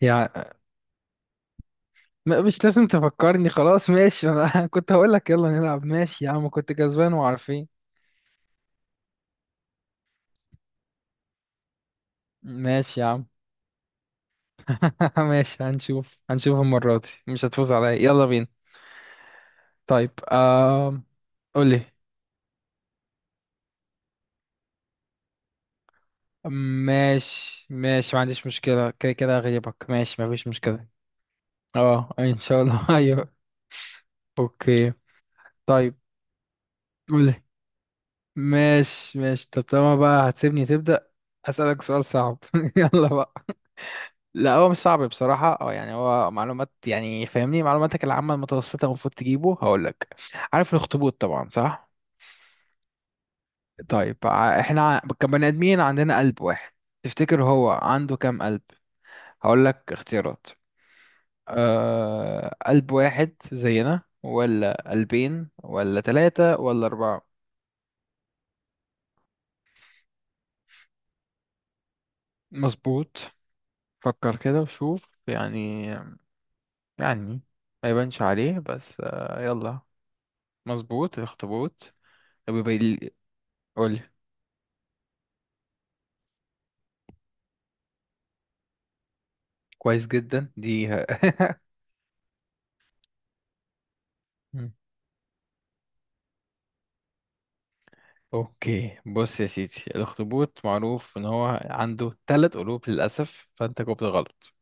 يعني مش لازم تفكرني. خلاص ماشي انا كنت هقول لك يلا نلعب. ماشي يا عم كنت كسبان وعارفين. ماشي يا عم. ماشي، هنشوف هنشوف المرة دي مش هتفوز عليا، يلا بينا. طيب قولي. ماشي ماشي، ما عنديش مشكلة، كده كده هغلبك، ماشي ما فيش مشكلة. اه ان شاء الله ايوه. اوكي. طيب. قولي. ماشي ماشي، طب طالما بقى هتسيبني تبدأ أسألك سؤال صعب يلا بقى. لا هو مش صعب بصراحة، اه يعني هو معلومات، يعني فاهمني معلوماتك العامة المتوسطة المفروض تجيبه. هقولك. عارف الأخطبوط طبعا صح؟ طيب، احنا كبني آدمين عندنا قلب واحد. تفتكر هو عنده كام قلب؟ هقولك اختيارات. أه، قلب واحد زينا، ولا قلبين، ولا ثلاثة، ولا أربعة؟ مظبوط. فكر كده وشوف يعني. يعني ما يبانش عليه بس آه، يلا. مظبوط، الأخطبوط. طب يبقى- قولي. كويس جدا دي مم. اوكي، بص يا سيدي، الاخطبوط معروف ان هو عنده ثلاث قلوب، للاسف فانت جاوبت غلط.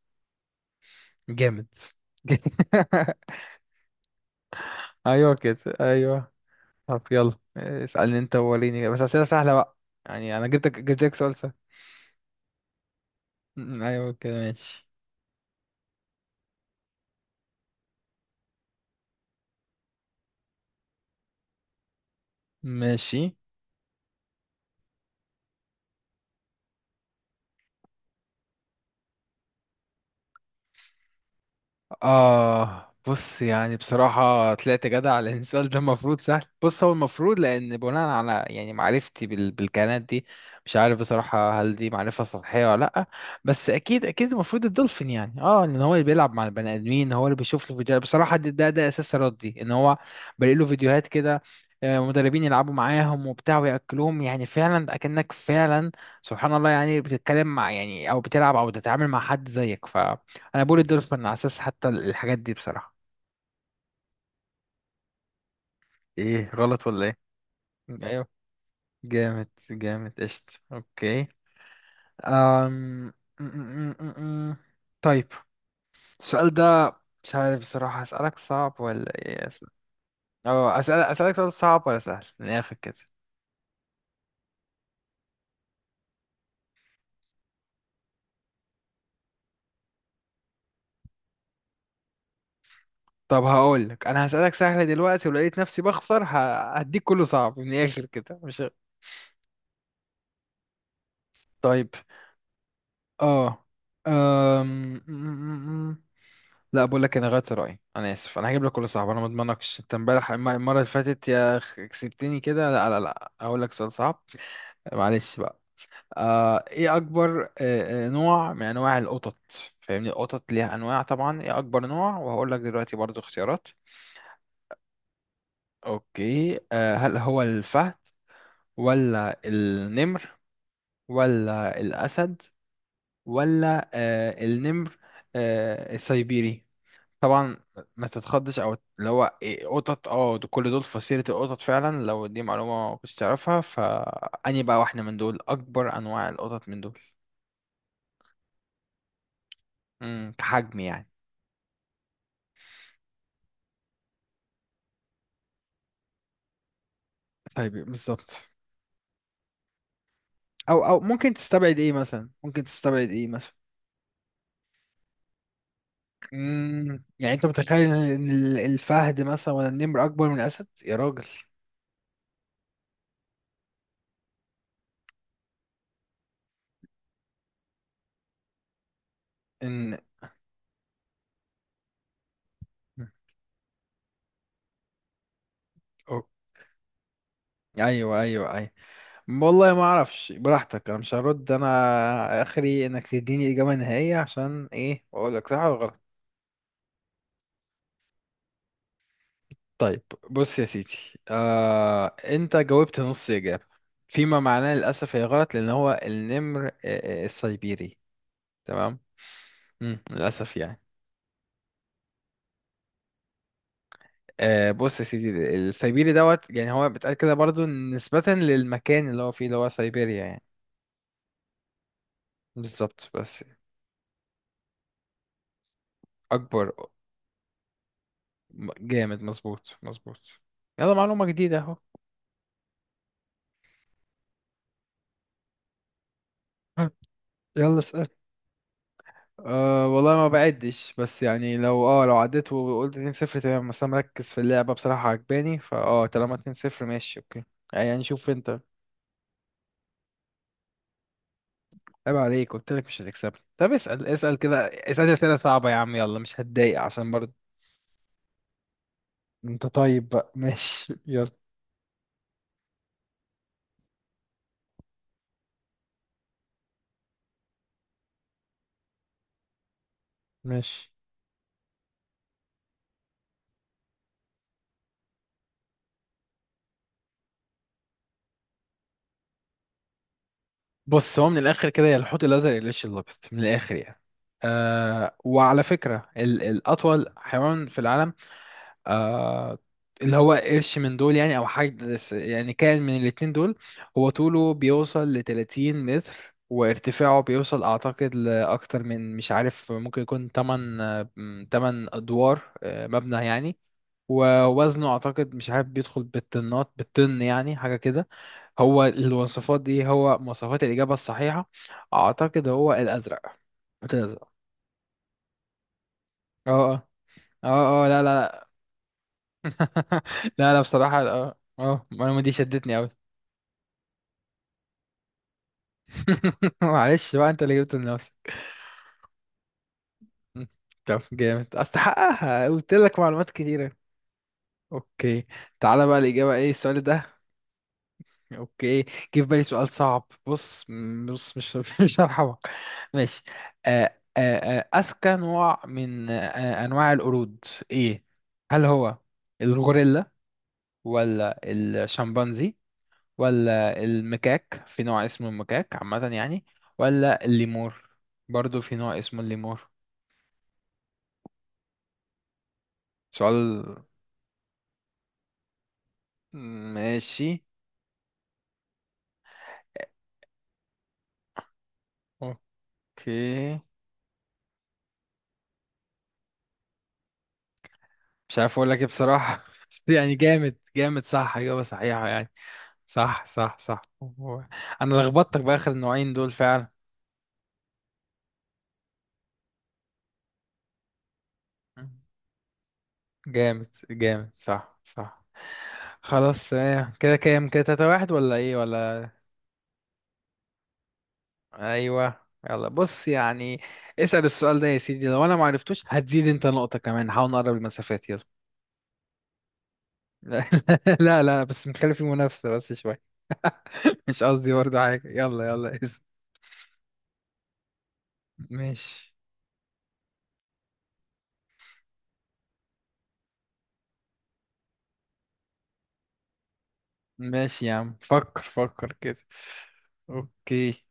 جامد. ايوه كده ايوه. طب يلا اسالني انت، وريني بس اسئله سهله بقى. يعني انا جبتك جبت لك سؤال سهل. مم، ايوه كده ماشي. ماشي. آه، بص، يعني بصراحة طلعت جدع، لأن السؤال ده المفروض سهل. بص هو المفروض، لأن بناء على يعني معرفتي بالكائنات دي، مش عارف بصراحة هل دي معرفة سطحية ولا لأ. بس أكيد أكيد المفروض الدولفين، يعني اه إن هو اللي بيلعب مع البني آدمين، هو اللي بيشوف له فيديوهات بصراحة. ده أساس ردي، إن هو بلاقي له فيديوهات كده. آه، مدربين يلعبوا معاهم وبتاع ويأكلوهم، يعني فعلا أكنك فعلا سبحان الله يعني بتتكلم مع، يعني، أو بتلعب أو بتتعامل مع حد زيك. ف انا بقول الدولفين على اساس حتى الحاجات دي بصراحة. ايه غلط ولا ايه؟ ايوه. جامد جامد قشط، اوكي. أم... م- م- م- م- م. طيب، السؤال ده. مش عارف بصراحة اسألك صعب ولا ايه، اه اسأل، اسألك سؤال صعب ولا سهل من الاخر كده؟ طب هقول لك، انا هسألك سهل دلوقتي ولقيت نفسي بخسر، هديك كله صعب من الاخر كده، مش؟ طيب. اه. أم... م- م- م. لا بقول لك انا غيرت رايي، انا اسف، انا هجيب لك كل صعب. انا ما اضمنكش، انت امبارح المره اللي فاتت يا أخ كسبتني كده، لا لا لا، هقول لك سؤال صعب. معلش بقى. آه، ايه اكبر آه، آه، نوع من انواع القطط؟ فاهمني، القطط ليها انواع طبعا. ايه اكبر نوع؟ وهقول لك دلوقتي برضو اختيارات. اوكي، آه، هل هو الفهد، ولا النمر، ولا الاسد، ولا آه النمر، آه السيبيري طبعا؟ ما تتخضش، او اللي هو إيه، قطط اه كل دول في فصيلة القطط فعلا، لو دي معلومة ما كنتش تعرفها، فأني بقى واحدة من دول، أكبر أنواع القطط من دول. امم، كحجم يعني. طيب. بالظبط. أو أو ممكن تستبعد إيه مثلا، ممكن تستبعد إيه مثلا؟ امم، يعني أنت متخيل إن الفهد مثلا ولا النمر أكبر من الأسد يا راجل؟ إن. أو- أيوه أيوه أيوه. والله ما اعرفش، براحتك، انا مش هرد، انا اخري انك تديني اجابة نهائية، عشان ايه، واقول لك صح ولا غلط. طيب، بص يا سيدي. آه، انت جاوبت نص اجابة، فيما معناه للاسف هي غلط، لان هو النمر آه، آه، السيبيري. تمام. مم. للاسف يعني. آه، بص يا سيدي، السيبيري دوت يعني هو بيتقال كده برضو نسبة للمكان اللي هو فيه، اللي هو سيبيريا يعني. بالظبط، بس. اكبر. جامد، مظبوط مظبوط. يلا، معلومة جديدة اهو. يلا اسأل. أه والله ما بعدش، بس يعني لو اه لو عديت وقلت 2-0 تمام، بس انا مركز في اللعبة بصراحة عجباني، فاه، طالما 2-0 ماشي اوكي. يعني شوف انت. عيب عليك، قلت لك مش هتكسبني، طب اسأل اسأل كده، اسأل أسئلة صعبة يا عم، يلا، مش هتضايق عشان برضه. انت طيب بقى ماشي يلا. ماشي. بص، هو من الاخر كده يا الحوت الازرق يا الليش الابيض، من الاخر يعني. أه، وعلى فكرة الاطول حيوان في العالم، آه، اللي هو قرش من دول يعني، او حاجة يعني كائن من الاتنين دول. هو طوله بيوصل ل 30 متر، وارتفاعه بيوصل اعتقد لاكتر من، مش عارف، ممكن يكون 8، 8 ادوار آه، مبنى يعني. ووزنه اعتقد مش عارف، بيدخل بالطنات بالطن يعني، حاجة كده. هو الوصفات دي، هو مواصفات الإجابة الصحيحة. أعتقد هو الأزرق، الأزرق. اه اه. اه اه لا لا. لا لا، بصراحة اه اه المعلومة دي شدتني أوي. معلش بقى أنت اللي جبته لنفسك. م. طب جامد، أستحقها، قلت لك معلومات كتيرة. أوكي. تعالى بقى، الإجابة إيه السؤال ده؟ أوكي، جه في بالي سؤال صعب. بص بص مش مش هرحمك. ماشي. آه، آه، آه، أذكى نوع من آه، آه، أنواع القرود، إيه؟ هل هو الغوريلا، ولا الشمبانزي، ولا المكاك، في نوع اسمه المكاك عامة يعني، ولا الليمور، برضو في نوع اسمه الليمور. سؤال. ماشي. اوكي. مش عارف اقول لك ايه بصراحة بس يعني جامد جامد، صح اجابة صحيحة يعني. صح صح صح. هو- انا لخبطتك باخر النوعين دول فعلا. جامد جامد صح صح. خلاص، آه، كده كام، كده تلاتة واحد ولا ايه ولا؟ ايوه. يلا بص يعني، اسأل السؤال ده يا سيدي، لو انا ما عرفتوش هتزيد انت نقطة كمان، نحاول نقرب المسافات يلا. لا. لا لا، بس متخلي في منافسة بس شوية. مش قصدي برضه حاجة، يلا يلا اسأل. ماشي. ماشي يا عم، فكر فكر كده. اوكي.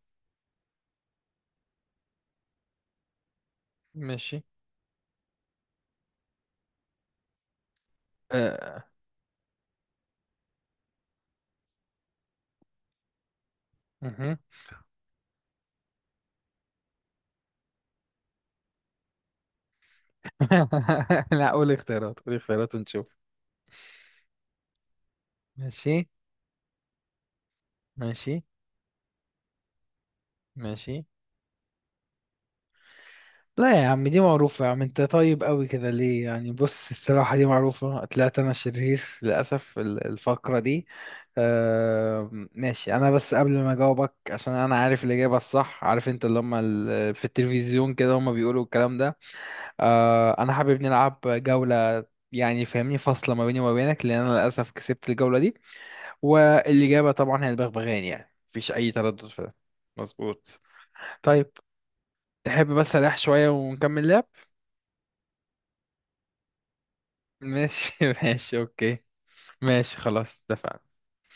ماشي. أه. مهم. لا قول اختيارات، قول اختيارات ونشوف. ماشي. ماشي. ماشي. لا يا عم دي معروفة يا عم، انت طيب قوي كده ليه يعني؟ بص الصراحة دي معروفة، طلعت انا شرير للأسف الفقرة دي. آه ماشي. انا بس قبل ما اجاوبك، عشان انا عارف الإجابة الصح، عارف انت اللي هم في التلفزيون كده هم بيقولوا الكلام ده. آه انا حابب نلعب جولة، يعني فاهمني، فاصلة ما بيني وما بينك، لأن أنا للأسف كسبت الجولة دي. والإجابة طبعا هي البغبغان، يعني مفيش أي تردد في ده. مظبوط. طيب. تحب بس أريح شوية ونكمل لعب؟ ماشي ماشي اوكي. ماشي خلاص اتفقنا.